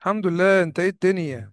الحمد لله. انت ايه الدنيا؟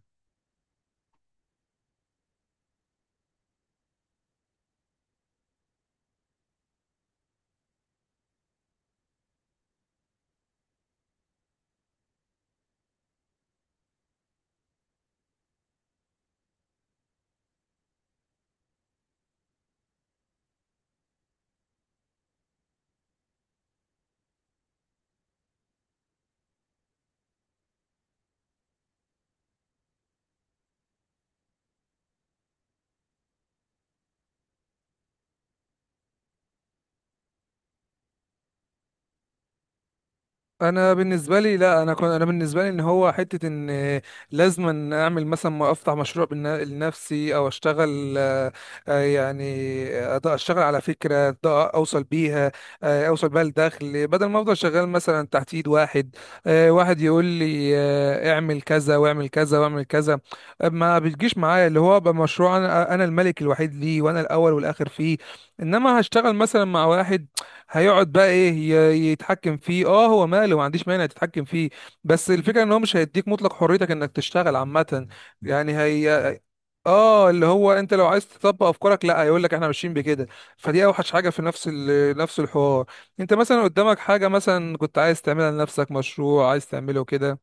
انا بالنسبه لي لا انا كنت انا بالنسبه لي ان هو حته ان لازم ان اعمل، مثلا، ما افتح مشروع لنفسي او اشتغل. آه، يعني اشتغل على فكره، اوصل بيها، اوصل بيها لدخل بدل ما افضل شغال مثلا تحت ايد واحد، واحد يقول لي اعمل كذا واعمل كذا واعمل كذا. ما بتجيش معايا اللي هو بقى مشروع انا الملك الوحيد ليه وانا الاول والاخر فيه. انما هشتغل مثلا مع واحد هيقعد بقى ايه، يتحكم فيه. اه، هو ماله، ما عنديش مانع تتحكم فيه، بس الفكره ان هو مش هيديك مطلق حريتك انك تشتغل عامه. يعني هي، اه، اللي هو انت لو عايز تطبق افكارك لا، هيقول لك احنا ماشيين بكده. فدي اوحش حاجه في نفس الحوار. انت مثلا قدامك حاجه مثلا كنت عايز تعملها لنفسك، مشروع عايز تعمله كده.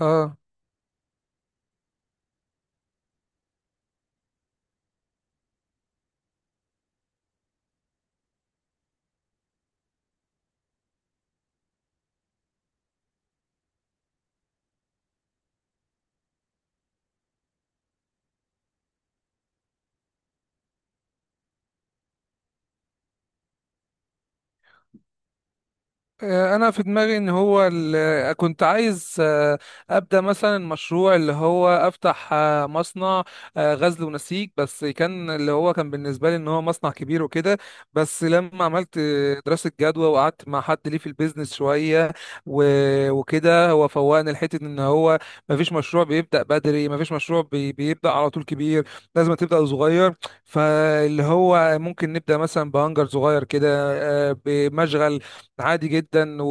اه. انا في دماغي ان هو كنت عايز، ابدا مثلا مشروع اللي هو افتح مصنع غزل ونسيج، بس كان اللي هو كان بالنسبه لي ان هو مصنع كبير وكده. بس لما عملت دراسه جدوى وقعدت مع حد ليه في البيزنس شويه، وكده هو فوقني لحته ان هو مفيش مشروع بيبدا بدري، مفيش مشروع بيبدا على طول كبير، لازم تبدا صغير. فاللي هو ممكن نبدا مثلا بهانجر صغير كده، بمشغل عادي جدا،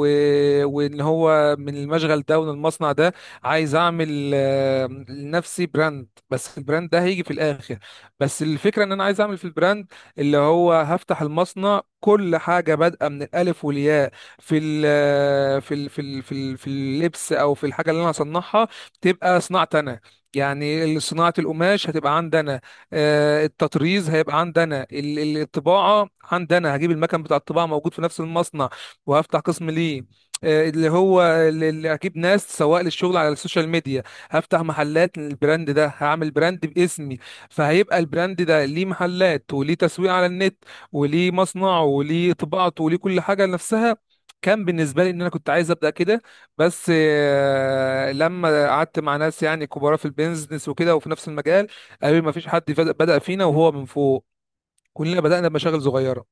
وان هو من المشغل ده ومن المصنع ده عايز اعمل لنفسي براند، بس البراند ده هيجي في الاخر. بس الفكره ان انا عايز اعمل في البراند اللي هو هفتح المصنع كل حاجه بادئه من الالف والياء. في ال في ال في ال في, ال في اللبس او في الحاجه اللي انا هصنعها تبقى صناعتي انا. يعني صناعة القماش هتبقى عندنا، التطريز هيبقى عندنا، الطباعة عندنا، هجيب المكان بتاع الطباعة موجود في نفس المصنع. وهفتح قسم ليه، آه، اللي هو اللي اللي اجيب ناس سواق للشغل على السوشيال ميديا. هفتح محلات للبراند ده، هعمل براند باسمي. فهيبقى البراند ده ليه محلات وليه تسويق على النت وليه مصنعه وليه طباعته وليه كل حاجة لنفسها. كان بالنسبة لي ان انا كنت عايز ابدا كده، بس لما قعدت مع ناس يعني كبار في البيزنس وكده وفي نفس المجال قالوا لي ما فيش حد بدأ فينا وهو من فوق، كلنا بدأنا بمشاغل صغيرة.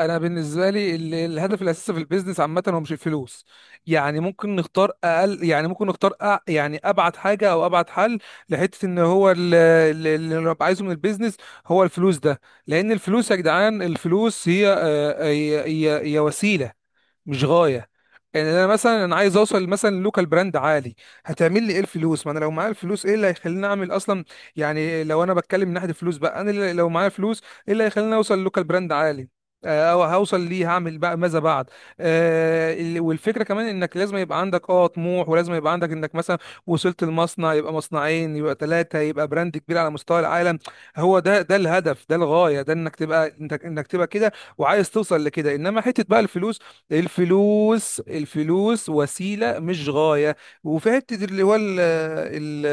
انا بالنسبه لي الهدف الاساسي في البيزنس عامه هو مش الفلوس. يعني ممكن نختار اقل، يعني ممكن نختار، يعني ابعد حاجه او ابعد حل لحته ان هو اللي انا عايزه من البيزنس هو الفلوس ده. لان الفلوس يا جدعان، الفلوس هي، هي هي وسيله مش غايه. يعني انا مثلا انا عايز اوصل مثلا لوكال براند عالي، هتعمل لي ايه الفلوس؟ ما انا لو معايا الفلوس ايه اللي هيخليني اعمل اصلا؟ يعني لو انا بتكلم من ناحيه الفلوس بقى، انا لو معايا فلوس ايه اللي هيخليني اوصل لوكال براند عالي؟ او هوصل ليه، هعمل بقى ماذا بعد؟ والفكره كمان انك لازم يبقى عندك اه طموح، ولازم يبقى عندك انك مثلا وصلت المصنع يبقى مصنعين يبقى ثلاثه يبقى براند كبير على مستوى العالم. هو ده ده الهدف، ده الغايه، ده انك تبقى، انك تبقى كده وعايز توصل لكده. انما حته بقى الفلوس، الفلوس وسيلة مش غاية. وفي حتة اللي هو ال ال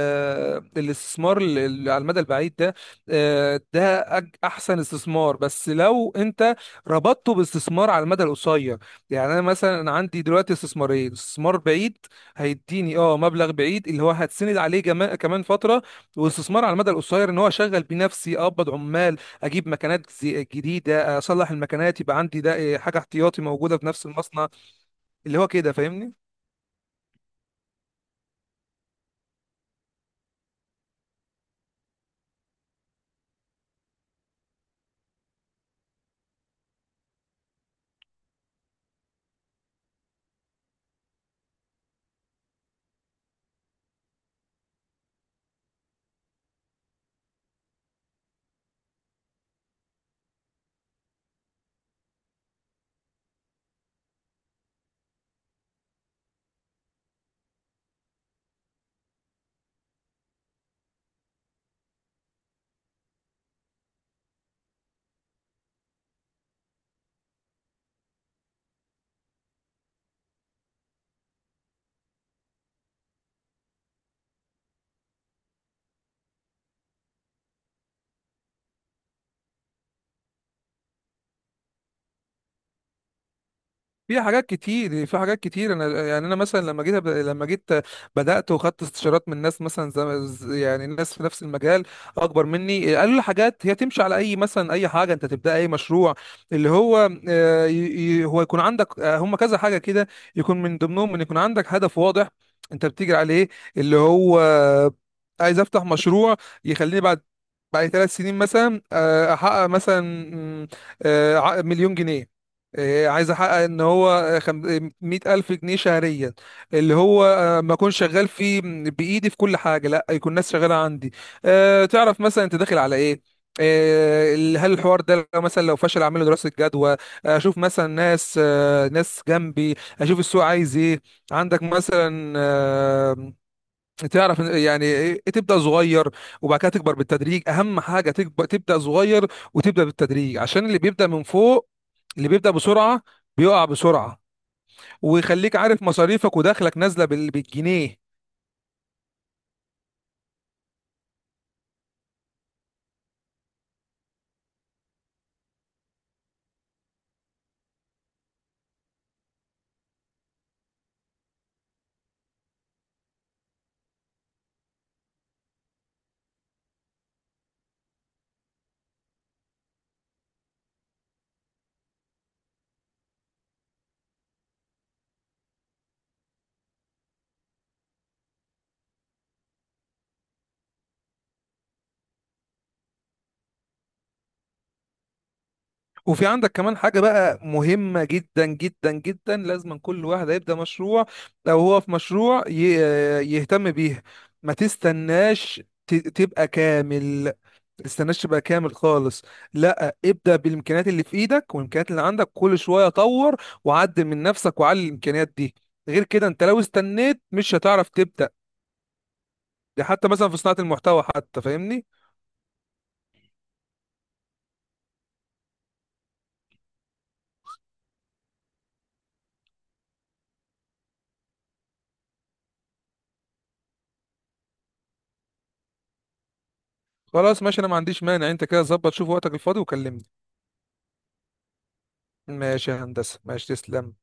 الاستثمار اللي على المدى البعيد ده، ده أحسن استثمار، بس لو أنت ربطته باستثمار على المدى القصير. يعني أنا مثلا، أنا عندي دلوقتي استثمارين: استثمار بعيد هيديني أه مبلغ بعيد اللي هو هتسند عليه كمان فترة، واستثمار على المدى القصير إن هو أشغل بيه نفسي أقبض عمال، اجيب مكنات جديده، اصلح المكنات، يبقى عندي، ده إيه، حاجه احتياطي موجوده في نفس المصنع. اللي هو كده، فاهمني؟ في حاجات كتير. انا يعني انا مثلا لما جيت أب- لما جيت بدات وخدت استشارات من ناس مثلا، يعني ناس في نفس المجال اكبر مني، قالوا لي حاجات هي تمشي على اي، مثلا اي حاجه انت تبدا، اي مشروع اللي هو هو يكون عندك، هم كذا حاجه كده، يكون من ضمنهم ان يكون عندك هدف واضح انت بتجري عليه. اللي هو عايز افتح مشروع يخليني بعد 3 سنين مثلا احقق مثلا، مم، مليون جنيه، عايز احقق ان هو 100,000 جنيه شهريا، اللي هو ما اكون شغال فيه بايدي في كل حاجه، لا يكون ناس شغاله عندي. تعرف مثلا انت داخل على ايه، هل الحوار ده لو مثلا لو فشل، اعمل له دراسه جدوى، اشوف مثلا ناس، ناس جنبي، اشوف السوق عايز ايه، عندك مثلا، تعرف يعني، تبدا صغير وبعد كده تكبر بالتدريج. اهم حاجه تكبر، تبدا صغير وتبدا بالتدريج، عشان اللي بيبدا من فوق، اللي بيبدا بسرعه بيقع بسرعه، ويخليك عارف مصاريفك ودخلك نازله بالجنيه. وفي عندك كمان حاجة بقى مهمة جدا جدا جدا، لازم كل واحد هيبدأ مشروع، لو هو في مشروع يهتم بيها، ما تستناش تبقى كامل، تستناش بقى كامل خالص. لا، ابدأ بالامكانيات اللي في ايدك والامكانيات اللي عندك كل شوية طور وعدل من نفسك وعلي الامكانيات دي، غير كده انت لو استنيت مش هتعرف تبدأ. ده حتى مثلا في صناعة المحتوى حتى، فاهمني؟ خلاص ماشي، انا ما عنديش مانع، انت كده ظبط شوف وقتك الفاضي وكلمني. ماشي يا هندسة، ماشي تسلم.